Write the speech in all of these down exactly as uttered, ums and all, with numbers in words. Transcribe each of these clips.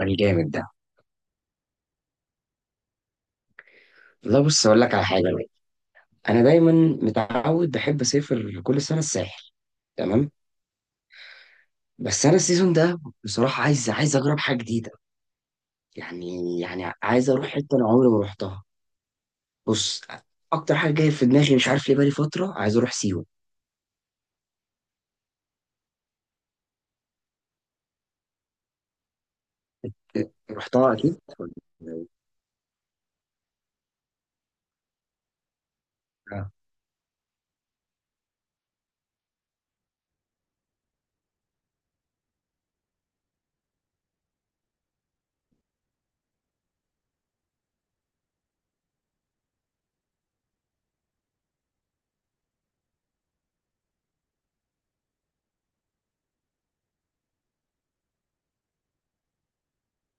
الجامد ده. والله بص اقول لك على حاجه بقى. انا دايما متعود بحب اسافر كل سنه الساحل. تمام. بس انا السيزون ده بصراحه عايز عايز اجرب حاجه جديده. يعني يعني عايز اروح حته انا عمري ما رحتها. بص، اكتر حاجه جايه في دماغي مش عارف ليه بقالي فتره عايز اروح سيوه. رحتها اكيد. آه.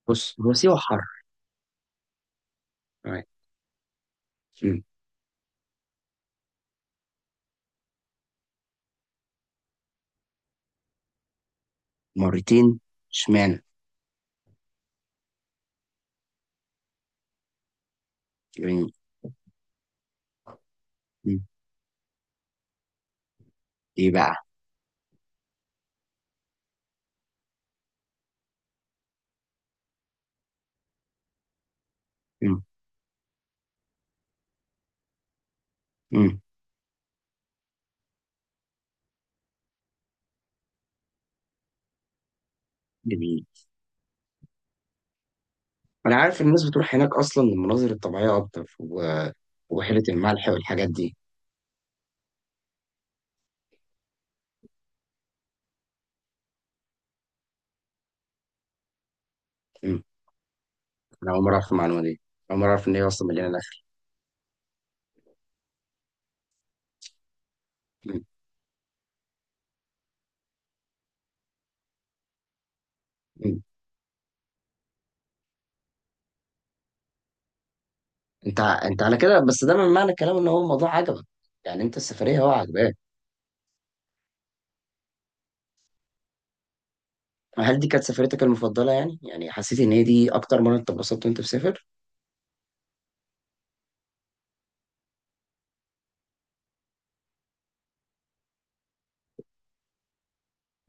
بص هو سيوه حر. تمام. مم. مرتين، اشمعنى؟ جميل. مم. ايه بقى؟ مم. مم. جميل. انا عارف الناس بتروح هناك اصلا للمناظر الطبيعيه اكتر و- وبحيره الملح والحاجات دي. مم. انا اول مره اعرف المعلومه دي. اول مره اعرف ان هي اصلا مليانه نخل. مم. مم. انت ع- انت على كده، بس ده من معنى الكلام ان هو الموضوع عجبك. يعني انت السفريه هو عجباك؟ هل دي كانت سفريتك المفضله، يعني يعني حسيت ان هي دي اكتر مره انت اتبسطت وانت مسافر؟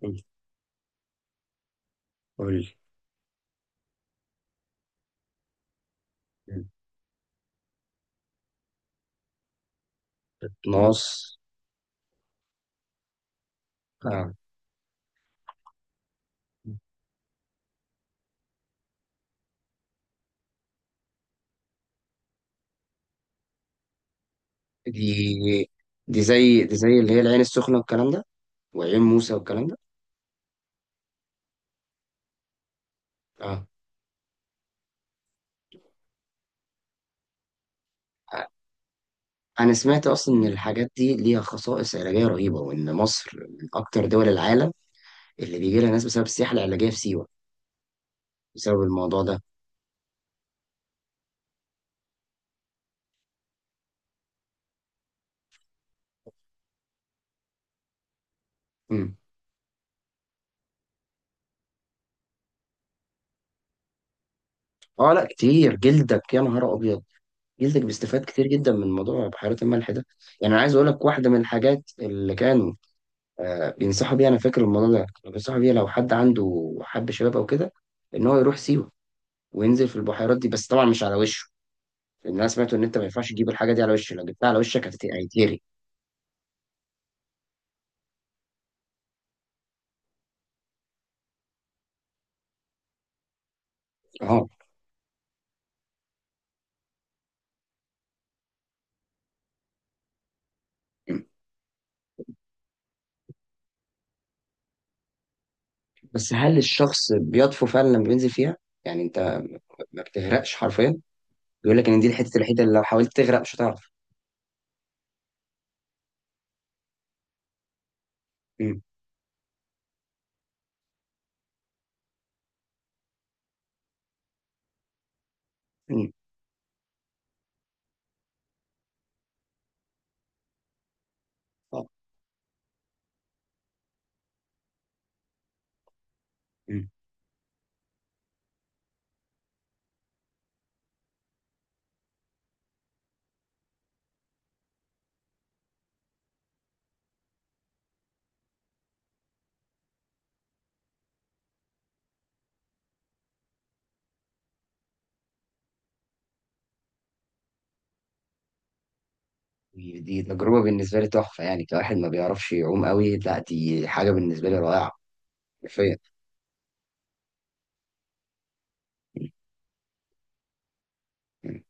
مم. قول لي. مم. نص. آه. دي دي زي دي زي اللي هي العين السخنه والكلام ده، وعيون موسى والكلام ده. اه، انا سمعت اصلا ان الحاجات دي ليها خصائص علاجيه رهيبه، وان مصر من اكتر دول العالم اللي بيجي لها ناس بسبب السياحه العلاجيه في سيوه. بسبب الموضوع ده. امم اه لا، كتير. جلدك يا نهار ابيض. جلدك بيستفاد كتير جدا من موضوع بحيرات الملح ده. يعني انا عايز اقول لك واحده من الحاجات اللي كانوا آه بينصحوا بيها. انا فاكر الموضوع ده، كانوا بينصحوا بيها لو حد عنده حب شباب او كده، ان هو يروح سيوه وينزل في البحيرات دي، بس طبعا مش على وشه. لان انا سمعت ان انت ما ينفعش تجيب الحاجه دي على وشه، لو جبتها على وشك هتت- هيتهري. اه بس، هل الشخص بيطفو فعلا لما بينزل فيها؟ يعني انت ما بتغرقش حرفيا. بيقول لك ان دي الحته الوحيده اللي لو حاولت تغرق مش هتعرف. مم. مم. آه. مم. دي دي تجربه بالنسبه لي تحفه. يعني كواحد ما بيعرفش يعوم قوي، لا دي حاجه بالنسبه لي رائعه. حرفيا. مم. مم.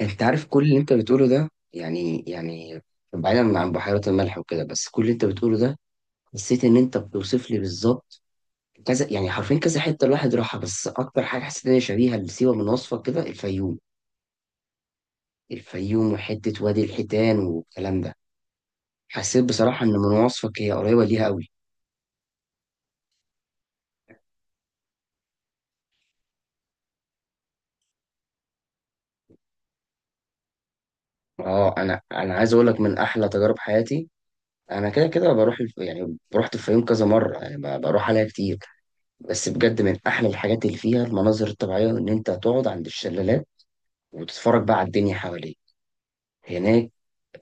انت عارف كل اللي انت بتقوله ده، يعني يعني بعيدا عن بحيرات الملح وكده، بس كل اللي انت بتقوله ده حسيت ان انت بتوصف لي بالظبط كذا، يعني حرفيا كذا حته الواحد راحها. بس اكتر حاجه حسيت ان هي شبيهه لسيوه من وصفك كده، الفيوم الفيوم وحتة وادي الحيتان والكلام ده، حسيت بصراحة إن من وصفك هي قريبة ليها أوي. اه أنا أنا عايز أقول لك من أحلى تجارب حياتي. أنا كده كده بروح الف... يعني رحت الفيوم كذا مرة، يعني ب- بروح عليها كتير. بس بجد من أحلى الحاجات اللي فيها المناظر الطبيعية إن أنت تقعد عند الشلالات وتتفرج بقى على الدنيا حواليك هناك.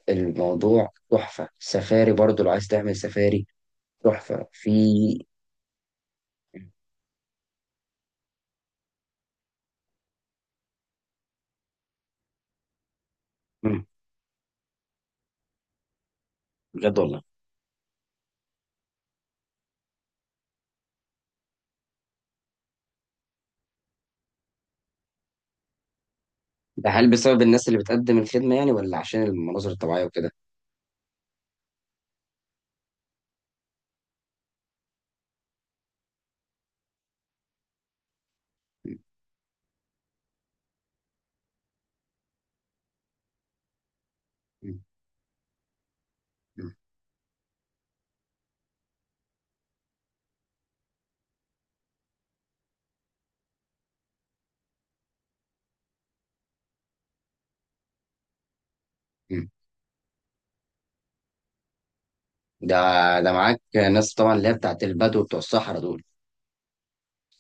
الموضوع تحفة. سفاري برضو لو عايز تعمل سفاري، تحفة في... مم، بجد والله. ده هل بسبب الناس اللي بتقدم الخدمة يعني، ولا عشان المناظر الطبيعية وكده؟ مم. مم. مم. ده ده معاك ناس طبعا، اللي هي بتاعت البدو بتوع الصحراء دول.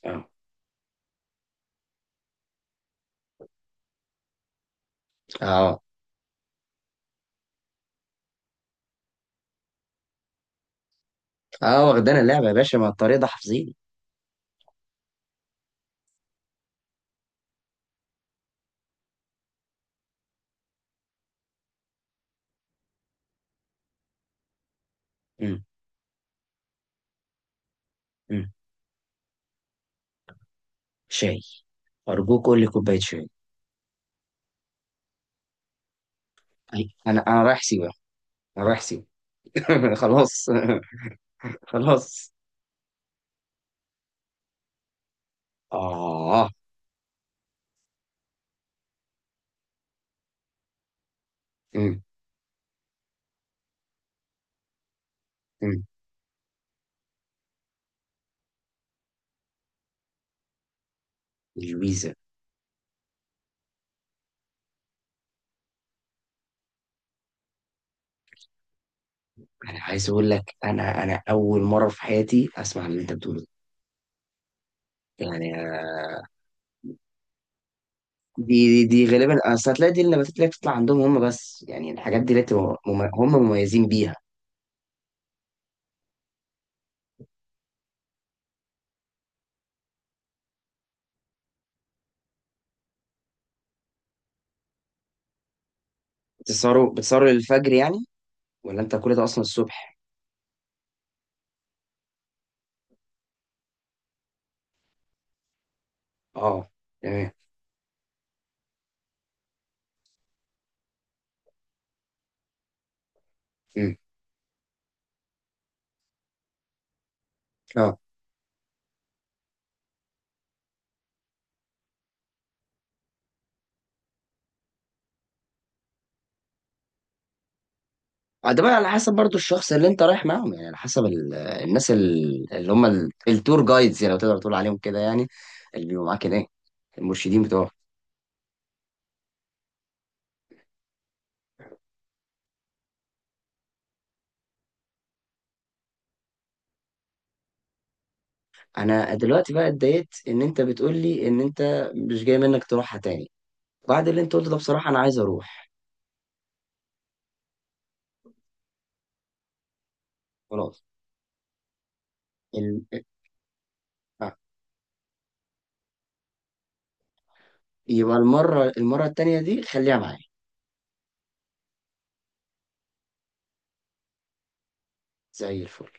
اه. اه، اه واخدانا اللعبة يا باشا، ما الطريق ده حافظين. مم. مم. شاي. أرجوك قول لي كوباية شاي. أي. أنا أنا رايح سيوة. أنا رايح سيوة. خلاص. خلاص. آه. مم. مم. الويزا. أنا عايز أقول لك، أنا أنا أول مرة في حياتي أسمع اللي أنت بتقوله ده. يعني آه، دي دي, دي غالبا أصل هتلاقي دي النباتات اللي هي بتطلع عندهم هم بس، يعني الحاجات دي اللي بتبقى مم- هم مميزين بيها. بتسهروا بتسهروا للفجر يعني؟ ولا انت كل ده اصلا الصبح؟ اه. تمام. امم اه. آه، ده بقى على حسب برضو الشخص اللي انت رايح معاهم، يعني على حسب ال- الناس ال- اللي هم ال- التور جايدز، يعني لو تقدر تقول عليهم كده يعني. اللي بيبقوا معاك هناك، المرشدين بتوعك. انا دلوقتي بقى اتضايقت ان انت بتقول لي ان انت مش جاي منك تروحها تاني. بعد اللي انت قلته ده بصراحة انا عايز اروح. خلاص. ال... آه. يبقى المرة المرة التانية دي خليها معايا. زي الفل.